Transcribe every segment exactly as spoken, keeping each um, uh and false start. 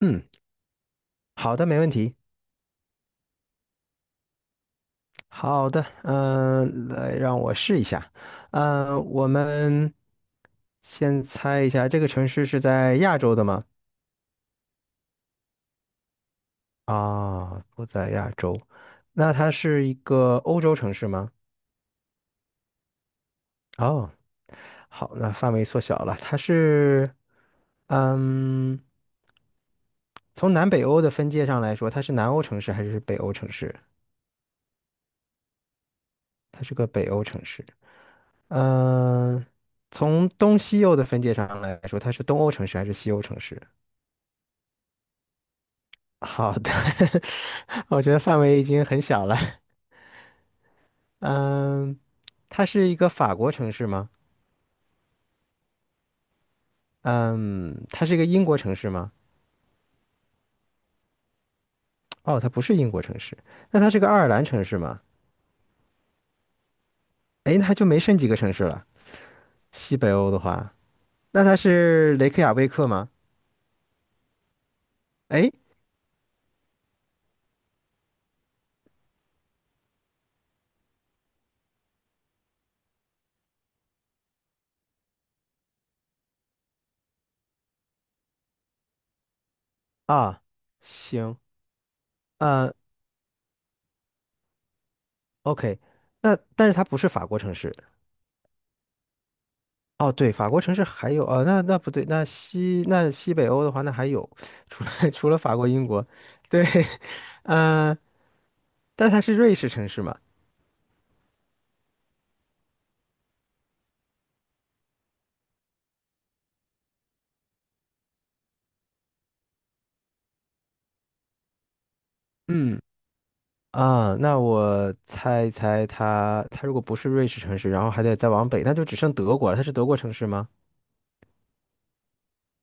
嗯，好的，没问题。好的，嗯、来让我试一下。嗯、我们先猜一下，这个城市是在亚洲的吗？啊，不在亚洲。那它是一个欧洲城市吗？哦，好，那范围缩小了。它是，嗯，从南北欧的分界上来说，它是南欧城市还是北欧城市？它是个北欧城市。嗯、呃从东西欧的分界上来说，它是东欧城市还是西欧城市？好的，我觉得范围已经很小了。嗯，它是一个法国城市吗？嗯，它是一个英国城市吗？哦，它不是英国城市。那它是个爱尔兰城市吗？诶，那它就没剩几个城市了。西北欧的话，那它是雷克雅未克吗？诶，啊，行，呃，OK，那但是它不是法国城市。哦，对，法国城市还有，呃，那那不对，那西那西北欧的话，那还有，除了 除了法国、英国，对，嗯，但它是瑞士城市嘛？嗯，啊，那我猜一猜它，它如果不是瑞士城市，然后还得再往北，那就只剩德国了。它是德国城市吗？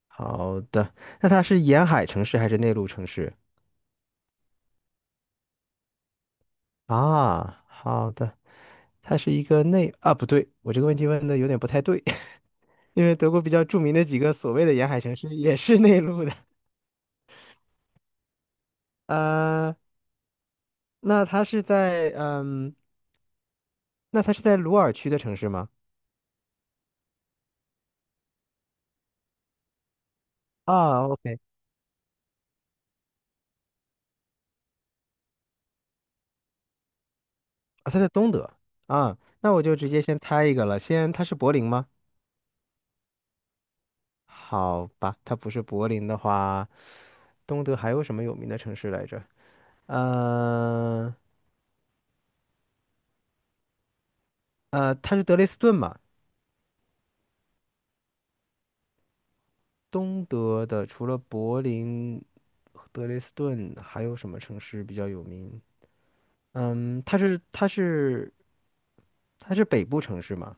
好的，那它是沿海城市还是内陆城市？啊，好的，它是一个内，啊，不对，我这个问题问的有点不太对，因为德国比较著名的几个所谓的沿海城市也是内陆的。呃那它是在嗯，那它是在鲁尔区的城市吗？啊，OK，啊，它在东德啊，那我就直接先猜一个了，先它是柏林吗？好吧，它不是柏林的话，东德还有什么有名的城市来着？呃呃，它是德累斯顿嘛？东德的除了柏林、德累斯顿，还有什么城市比较有名？嗯，它是它是它是北部城市吗？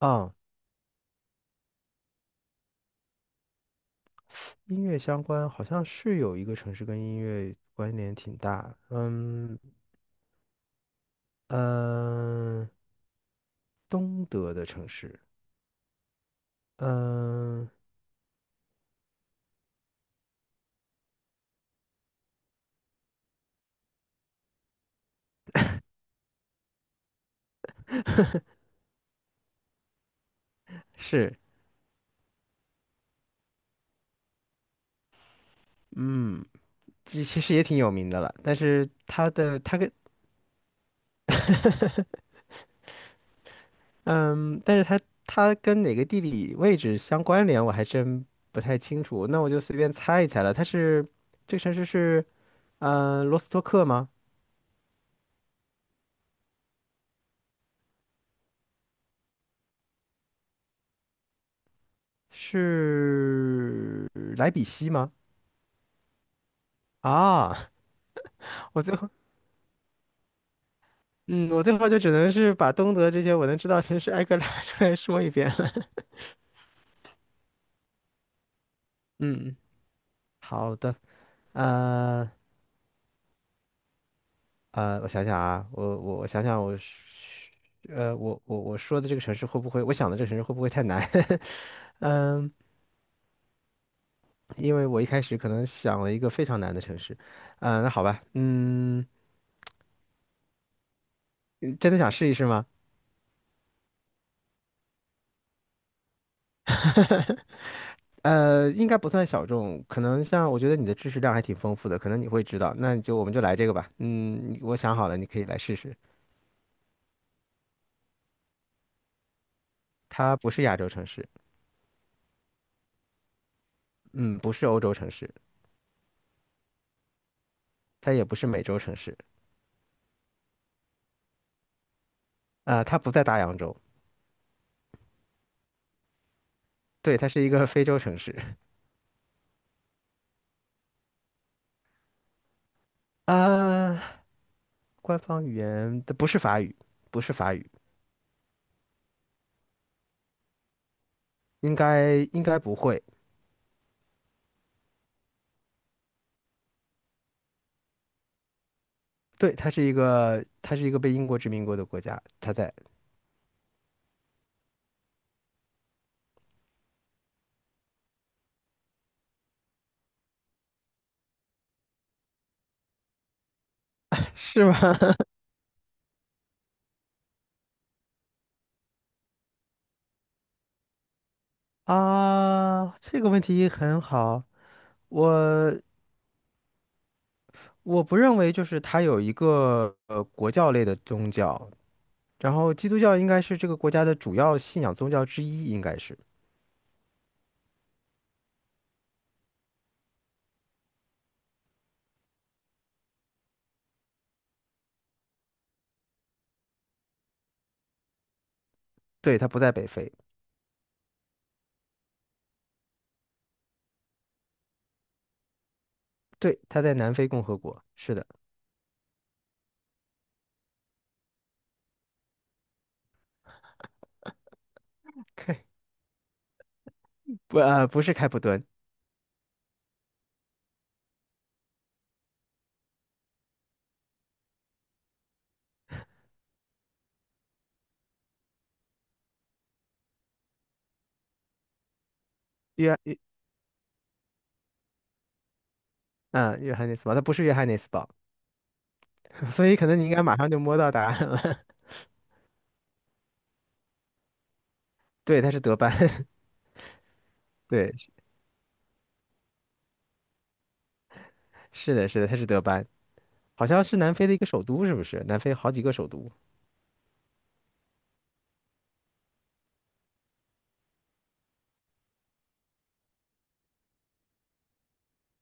啊。音乐相关好像是有一个城市跟音乐关联挺大，嗯嗯，呃东德的城市，嗯是，嗯，其其实也挺有名的了，但是它的它跟嗯，但是它它跟哪个地理位置相关联，我还真不太清楚，那我就随便猜一猜了，它是这个城市是嗯、呃罗斯托克吗？是莱比锡吗？啊，我最后。嗯，我最后就只能是把东德这些我能知道的城市挨个拉出来说一遍了。嗯，好的，呃呃，我想想啊，我我我想想我是，呃，我我我说的这个城市会不会，我想的这个城市会不会太难？嗯，因为我一开始可能想了一个非常难的城市，嗯、那好吧，嗯，真的想试一试吗？呃，应该不算小众，可能像我觉得你的知识量还挺丰富的，可能你会知道，那你就我们就来这个吧，你我想好了，你可以来试试，它不是亚洲城市。嗯，不是欧洲城市，它也不是美洲城市，啊、它不在大洋洲，对，它是一个非洲城市，啊、官方语言它不是法语，不是法语，应该应该不会，对，它是一个它是一个被英国殖民过的国家，它在 是吗？啊，这个问题很好，我我不认为就是它有一个呃国教类的宗教，然后基督教应该是这个国家的主要信仰宗教之一，应该是，对，它不在北非。对，他在南非共和国，是的，开不呃不是开普敦，约约啊约翰内斯堡，他不是约翰内斯堡，所以可能你应该马上就摸到答案了。对，他是德班，对，是的，是的，他是德班，好像是南非的一个首都，是不是？南非好几个首都，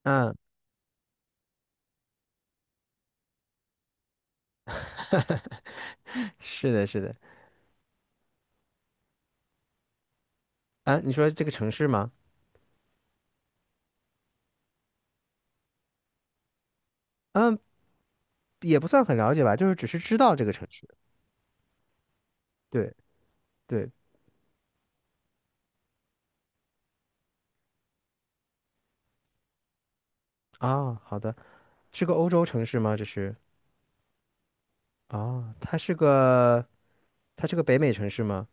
嗯，是的，是的，啊，你说这个城市吗？嗯，也不算很了解吧，就是只是知道这个城市。对对啊，好的，是个欧洲城市吗？这是啊，它是个它是个北美城市吗？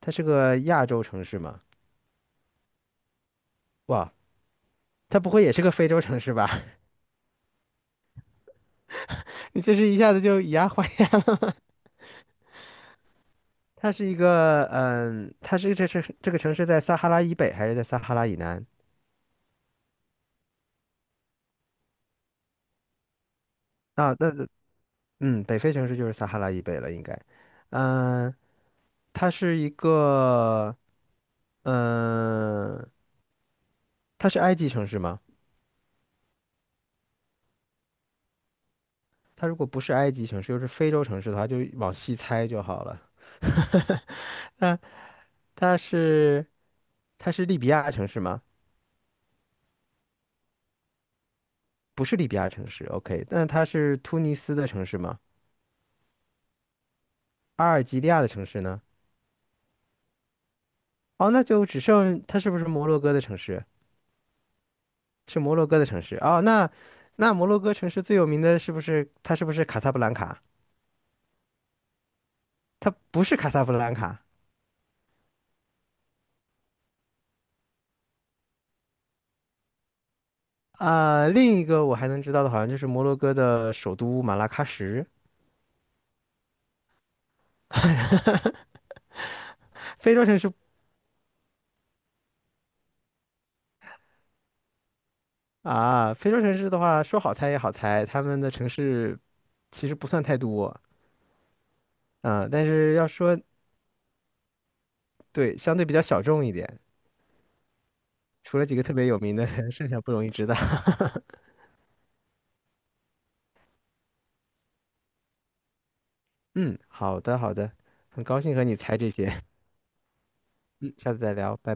它是个亚洲城市吗？哇，它不会也是个非洲城市吧？你这是一下子就以牙还牙了吗 它是一个，嗯，它是这这这个城市在撒哈拉以北还是在撒哈拉以南？啊，那嗯，北非城市就是撒哈拉以北了，应该。嗯，它是一个，嗯，它是埃及城市吗？它如果不是埃及城市，又是非洲城市的话，就往西猜就好了。它它是它是利比亚城市吗？不是利比亚城市，OK，那它是突尼斯的城市吗？阿尔及利亚的城市呢？哦，那就只剩它是不是摩洛哥的城市？是摩洛哥的城市哦，那那摩洛哥城市最有名的是不是它是不是卡萨布兰卡？它不是卡萨布兰卡啊、另一个我还能知道的，好像就是摩洛哥的首都马拉喀什。非洲城市啊，非洲城市的话，说好猜也好猜，他们的城市其实不算太多，啊。但是要说对，相对比较小众一点。除了几个特别有名的人，剩下不容易知道。嗯，好的，好的，很高兴和你猜这些。嗯，下次再聊，拜拜。